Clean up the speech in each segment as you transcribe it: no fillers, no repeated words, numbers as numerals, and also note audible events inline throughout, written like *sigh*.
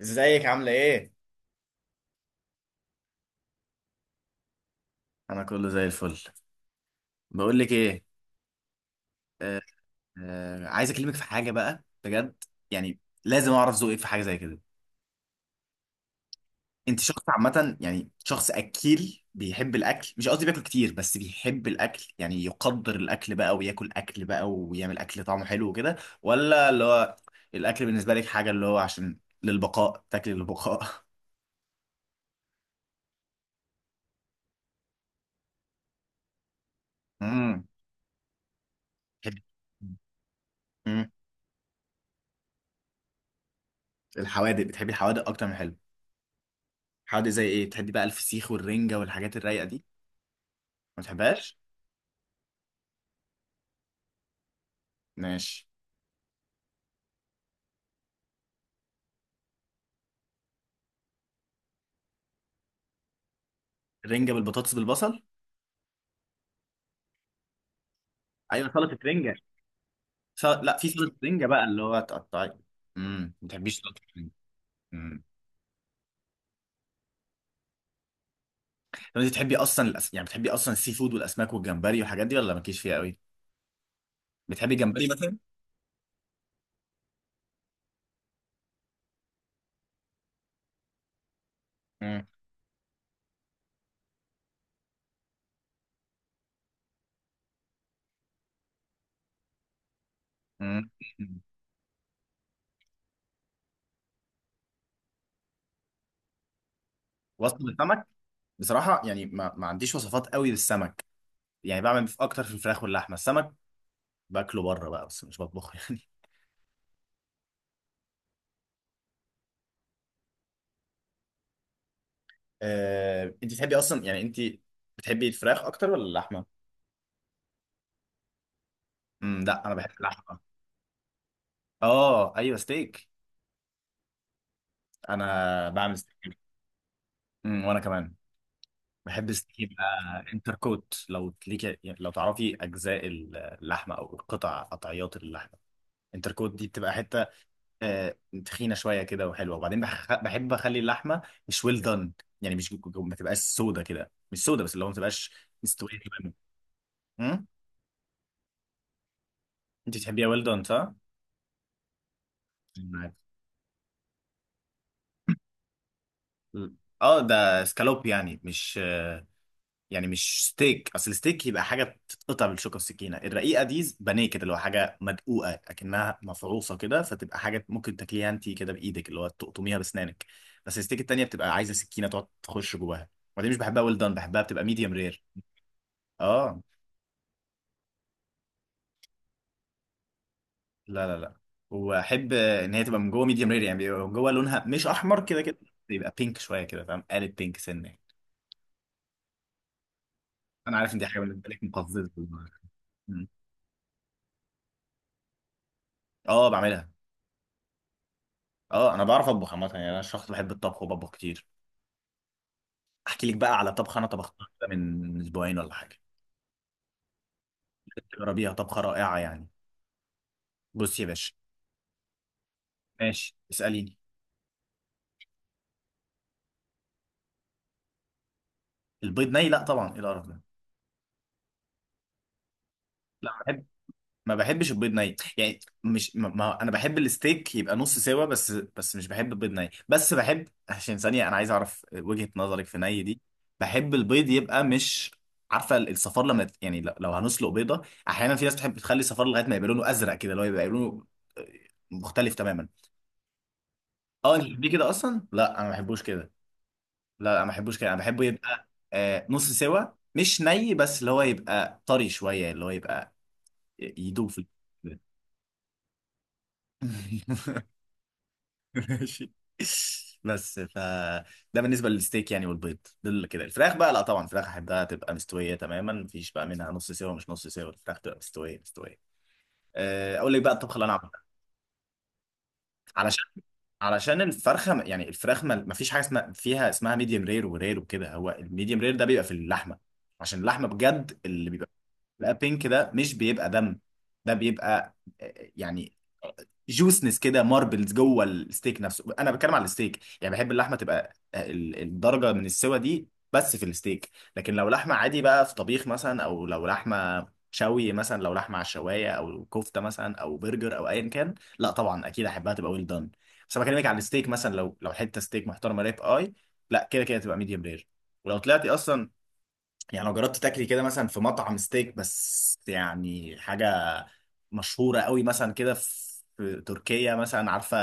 ازيك عاملة ايه؟ انا كله زي الفل. بقول لك ايه. آه آه عايز اكلمك في حاجة بقى بجد، يعني لازم اعرف ذوقك في حاجة زي كده. انت شخص عامة، يعني شخص اكيل بيحب الاكل، مش قصدي بياكل كتير بس بيحب الاكل، يعني يقدر الاكل بقى وياكل اكل بقى ويعمل اكل طعمه حلو وكده، ولا اللي هو الاكل بالنسبة لك حاجة اللي هو عشان للبقاء، تاكل للبقاء. *laughs* امم. بتحبي، امم. الحوادق، بتحبي الحوادق اكتر من الحلو؟ حوادق زي ايه بتحبي بقى؟ الفسيخ والرنجة والحاجات الرايقة دي؟ ما بتحبهاش. ماشي. رنجة بالبطاطس بالبصل. ايوه سلطة رنجة. لا، في سلطة رنجة بقى اللي هو تقطعي. امم، ما بتحبيش سلطة رنجة. امم. طب انت بتحبي اصلا يعني بتحبي اصلا السي فود والاسماك والجمبري والحاجات دي، ولا مالكيش فيها قوي؟ بتحبي جمبري مثلا؟ امم. امم. *laughs* وصفة السمك، بصراحة يعني ما عنديش وصفات قوي للسمك، يعني بعمل في اكتر في الفراخ واللحمة، السمك باكله بره بقى بس مش بطبخه *laughs* يعني. انت بتحبي اصلا، يعني انت بتحبي الفراخ اكتر ولا اللحمة؟ امم، لا انا بحب اللحمة. اه ايوه ستيك. انا بعمل ستيك. امم، وانا كمان بحب ستيك يبقى. انتر كوت، لو ليك، يعني لو تعرفي اجزاء اللحمه او قطع قطعيات اللحمه، انتر كوت دي بتبقى حته آه، تخينه شويه كده وحلوه، وبعدين بحب اخلي اللحمه مش ويل دان، يعني مش ما تبقاش سودا كده، مش سودا بس اللي هو ما تبقاش مستويه تماما. امم. انت بتحبيها ويل دان صح؟ معاك. اه ده سكالوب يعني مش، يعني مش ستيك، اصل الستيك يبقى حاجه تتقطع بالشوكه والسكينه، الرقيقه دي بانيه كده اللي هو حاجه مدقوقه اكنها مفروصه كده، فتبقى حاجه ممكن تاكليها انت كده بايدك، اللي هو تقطميها باسنانك. بس الستيك التانيه بتبقى عايزه سكينه تقعد تخش جواها. ودي مش بحبها ويل دان، بحبها بتبقى ميديوم رير. اه، لا لا لا، واحب ان هي تبقى من جوه ميديوم رير، يعني بيبقى من جوه لونها مش احمر كده كده، بيبقى بينك شويه كده، فاهم؟ قالب بينك سنه يعني. انا عارف ان دي حاجه بالنسبه لك مقززه. اه بعملها. اه انا بعرف اطبخ عامه، يعني انا شخص بحب الطبخ وبطبخ كتير. احكي لك بقى على طبخه انا طبختها كده من اسبوعين ولا حاجه، جربيها طبخه رائعه يعني. بص يا باشا. ماشي اساليني. البيض ني؟ لا طبعا، ايه القرف ده. لا ما بحب، ما بحبش البيض ني، يعني مش ما... ما... انا بحب الستيك يبقى نص سوا، بس مش بحب البيض ني، بس بحب عشان ثانيه انا عايز اعرف وجهه نظرك في ني دي. بحب البيض يبقى مش، عارفه الصفار لما يعني لو هنسلق بيضه، احيانا في ناس بتحب تخلي الصفار لغايه ما يبقى لونه ازرق كده، اللي هو يبقى لونه آه، مختلف تماما. اه انت بتحبيه كده اصلا؟ لا انا ما بحبوش كده. لا لا، ما بحبوش كده، انا بحبه يبقى آه نص سوا، مش ني، بس اللي هو يبقى طري شويه، اللي هو يبقى يدوب في ال- *laughs* ماشي. بس ف، ده بالنسبه للستيك يعني، والبيض دول كده. الفراخ بقى لا طبعا، الفراخ احبها تبقى مستويه تماما، مفيش بقى منها نص سوا، مش نص سوا، الفراخ تبقى مستويه مستويه. اقول لك بقى الطبخه اللي انا عملتها. علشان علشان يعني الفراخ ما فيش حاجه اسمها، فيها اسمها ميديوم رير ورير وكده، هو الميديوم رير ده بيبقى في اللحمه، عشان اللحمه بجد اللي بيبقى بقى بينك ده مش بيبقى دم، ده بيبقى يعني جوسنس كده، ماربلز جوه الستيك نفسه، انا بتكلم على الستيك يعني، بحب اللحمه تبقى الدرجه من السوا دي، بس في الستيك. لكن لو لحمه عادي بقى في طبيخ مثلا، او لو لحمه شوي مثلا، لو لحمه على الشوايه، او كفته مثلا، او برجر، او ايا كان، لا طبعا اكيد احبها تبقى ويل دان. بس انا بكلمك على الستيك، مثلا لو حته ستيك محترمه، ريب اي، لا كده كده تبقى ميديوم رير. ولو طلعتي اصلا، يعني لو جربت تاكلي كده مثلا في مطعم ستيك، بس يعني حاجة مشهورة قوي مثلا كده، في في تركيا مثلا، عارفة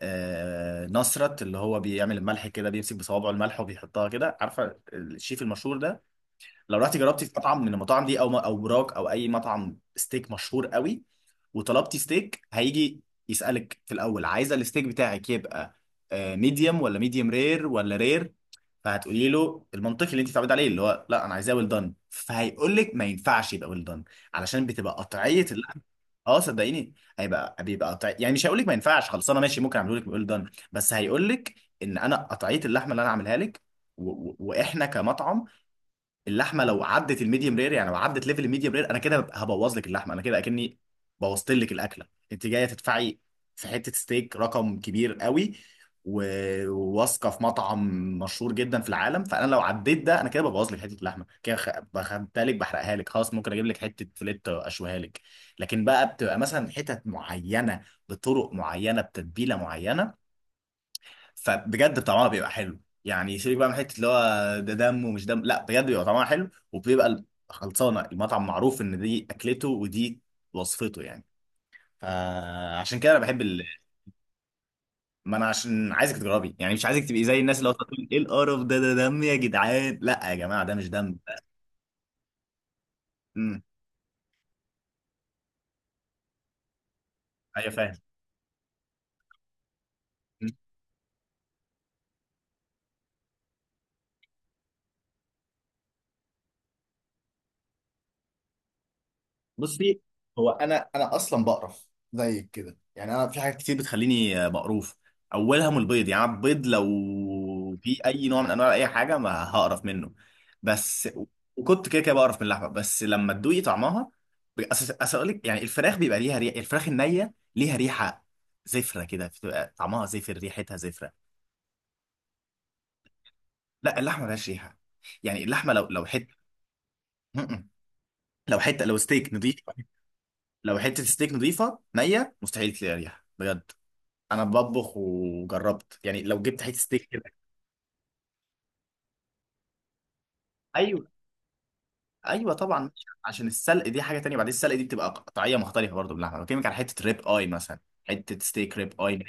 نصرت، اللي هو بيعمل الملح كده، بيمسك بصوابعه الملح وبيحطها كده، عارفة الشيف المشهور ده؟ لو رحتي جربتي في مطعم من المطاعم دي، او او براك، او اي مطعم ستيك مشهور قوي، وطلبتي ستيك، هيجي يسألك في الاول عايزه الستيك بتاعك يبقى ميديوم ولا ميديوم رير ولا رير. فهتقولي له المنطقي اللي انت بتعود عليه، اللي هو لا انا عايزاه ويل دان، فهيقول لك ما ينفعش يبقى ويل دان، علشان بتبقى قطعيه اللحم. اه صدقيني هيبقى، بيبقى قطع يعني، مش هيقول لك ما ينفعش خلصانه، ماشي ممكن اعمله لك ويل دان بس هيقول لك ان انا قطعيه اللحمه اللي انا عاملها لك، واحنا كمطعم، اللحمه لو عدت الميديوم رير، يعني لو عدت ليفل الميديوم رير انا كده ببقى هبوظ لك اللحمه، انا كده اكني بوظت لك الاكله، انت جايه تدفعي في حته ستيك رقم كبير قوي، وواثقه في مطعم مشهور جدا في العالم، فانا لو عديت ده انا كده ببوظ لك حته اللحمه كده، بخدتها لك بحرقها لك خلاص، ممكن اجيب لك حته فيليت اشويها لك. لكن بقى بتبقى مثلا حتت معينه، بطرق معينه، بتتبيله معينه، فبجد طعمها بيبقى حلو، يعني سيبك بقى من حته اللي هو ده دم ومش دم، لا بجد بيبقى طعمها حلو، وبيبقى خلصانه المطعم معروف ان دي اكلته ودي وصفته يعني، فعشان كده انا بحب ما انا عشان عايزك تجربي، يعني مش عايزك تبقي زي الناس اللي هو تقول ايه القرف ده ده دم يا جدعان، لا يا جماعه ده مش دم. امم. ايوه فاهم. بصي، هو انا اصلا بقرف زيك كده يعني، انا في حاجات كتير بتخليني بقروف، اولها من البيض، يعني أنا البيض لو في اي نوع من انواع اي حاجه ما هقرف منه بس. وكنت كده كده بقرف من اللحمه، بس لما تدوقي طعمها، اصل اقول لك يعني الفراخ بيبقى ليها ريحه، الفراخ النيه ليها ريحه زفره كده، بتبقى طعمها زفر ريحتها زفره، لا اللحمه ملهاش ريحه، يعني اللحمه لو حته، م-م. لو حته لو ستيك نضيف، لو حته ستيك نضيفه نيه، مستحيل تلاقي ريحه بجد. انا بطبخ وجربت يعني، لو جبت حته ستيك كده، ايوه ايوه طبعا، عشان السلق دي حاجه تانية، بعدين السلق دي بتبقى قطعيه مختلفه برضو باللحمه، بكلمك على حته ريب اي مثلا، حته ستيك ريب اي نية،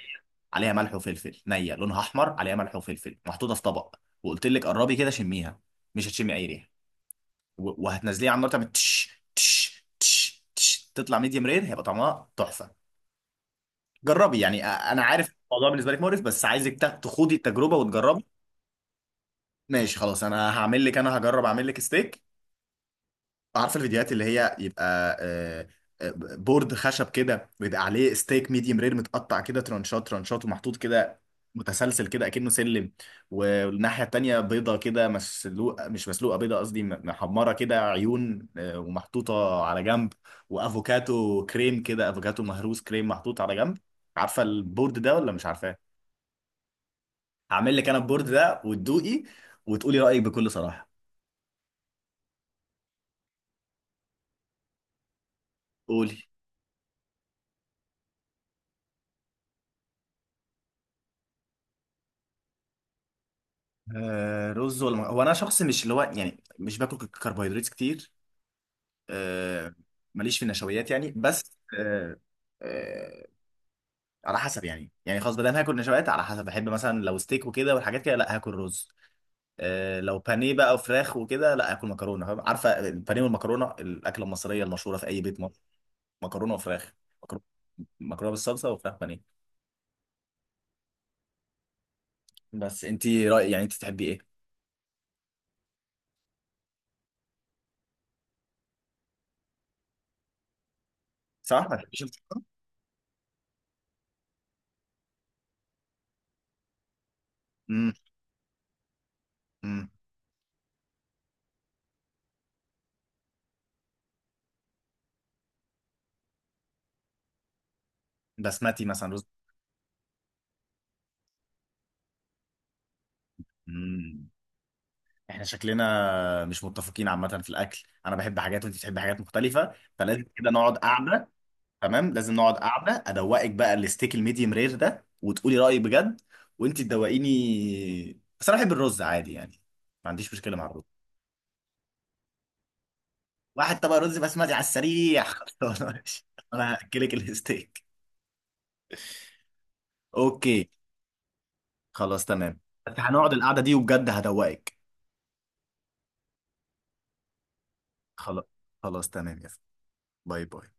عليها ملح وفلفل نيه لونها احمر، عليها ملح وفلفل محطوطه في طبق، وقلت لك قربي كده شميها، مش هتشمي اي ريحه. وهتنزليها على النار، تعمل تش تش تش تش، تطلع ميديم رير، هيبقى طعمها تحفه. جربي يعني، انا عارف الموضوع بالنسبه لك مقرف بس عايزك تخوضي التجربه وتجربي. ماشي خلاص انا هعمل لك، انا هجرب اعمل لك ستيك. عارفه الفيديوهات اللي هي يبقى بورد خشب كده ويبقى عليه ستيك ميديوم رير، متقطع كده ترانشات ترانشات ومحطوط كده، متسلسل كده اكنه سلم، والناحيه التانيه بيضه كده مسلوقه، مش مسلوقه بيضه قصدي محمره كده عيون ومحطوطه على جنب، وافوكاتو كريم كده، افوكاتو مهروس كريم محطوط على جنب، عارفه البورد ده ولا مش عارفاه؟ هعمل لك انا البورد ده وتدوقي وتقولي رايك بكل صراحه. قولي. آه رز ولا هو انا شخص مش اللي هو يعني مش باكل كربوهيدرات كتير. آه، ماليش في النشويات يعني بس آه، آه على حسب يعني، يعني خلاص بدل هاكل نشويات، على حسب بحب مثلا لو ستيك وكده والحاجات كده لا هاكل رز، آه لو بانيه بقى وفراخ وكده لا هاكل مكرونه، فاهم؟ عارفه البانيه والمكرونه الاكله المصريه المشهوره في اي بيت مصري، مكرونه وفراخ، مكرونه، مكرونه بالصلصه وفراخ بانيه. بس انت رأي يعني، انت تحبي ايه؟ صح ما تحبيش المكرونه. امم. بسمتي مثلا. رز، احنا شكلنا مش متفقين عامة في الأكل، أنا بحب حاجات وأنت بتحبي حاجات مختلفة، فلازم كده نقعد قعدة. تمام لازم نقعد قعدة، أدوقك بقى الستيك الميديم رير ده وتقولي رأيك بجد، وأنت تدوقيني. بس أنا بحب الرز عادي يعني، ما عنديش مشكلة مع الرز. واحد طبق رز بسمتي على السريع *laughs* خلاص ماشي. أنا هأكلك الستيك. أوكي. خلاص تمام. بس هنقعد القعدة دي وبجد هدوقك. خلاص. خلاص تمام يا فندم. باي باي.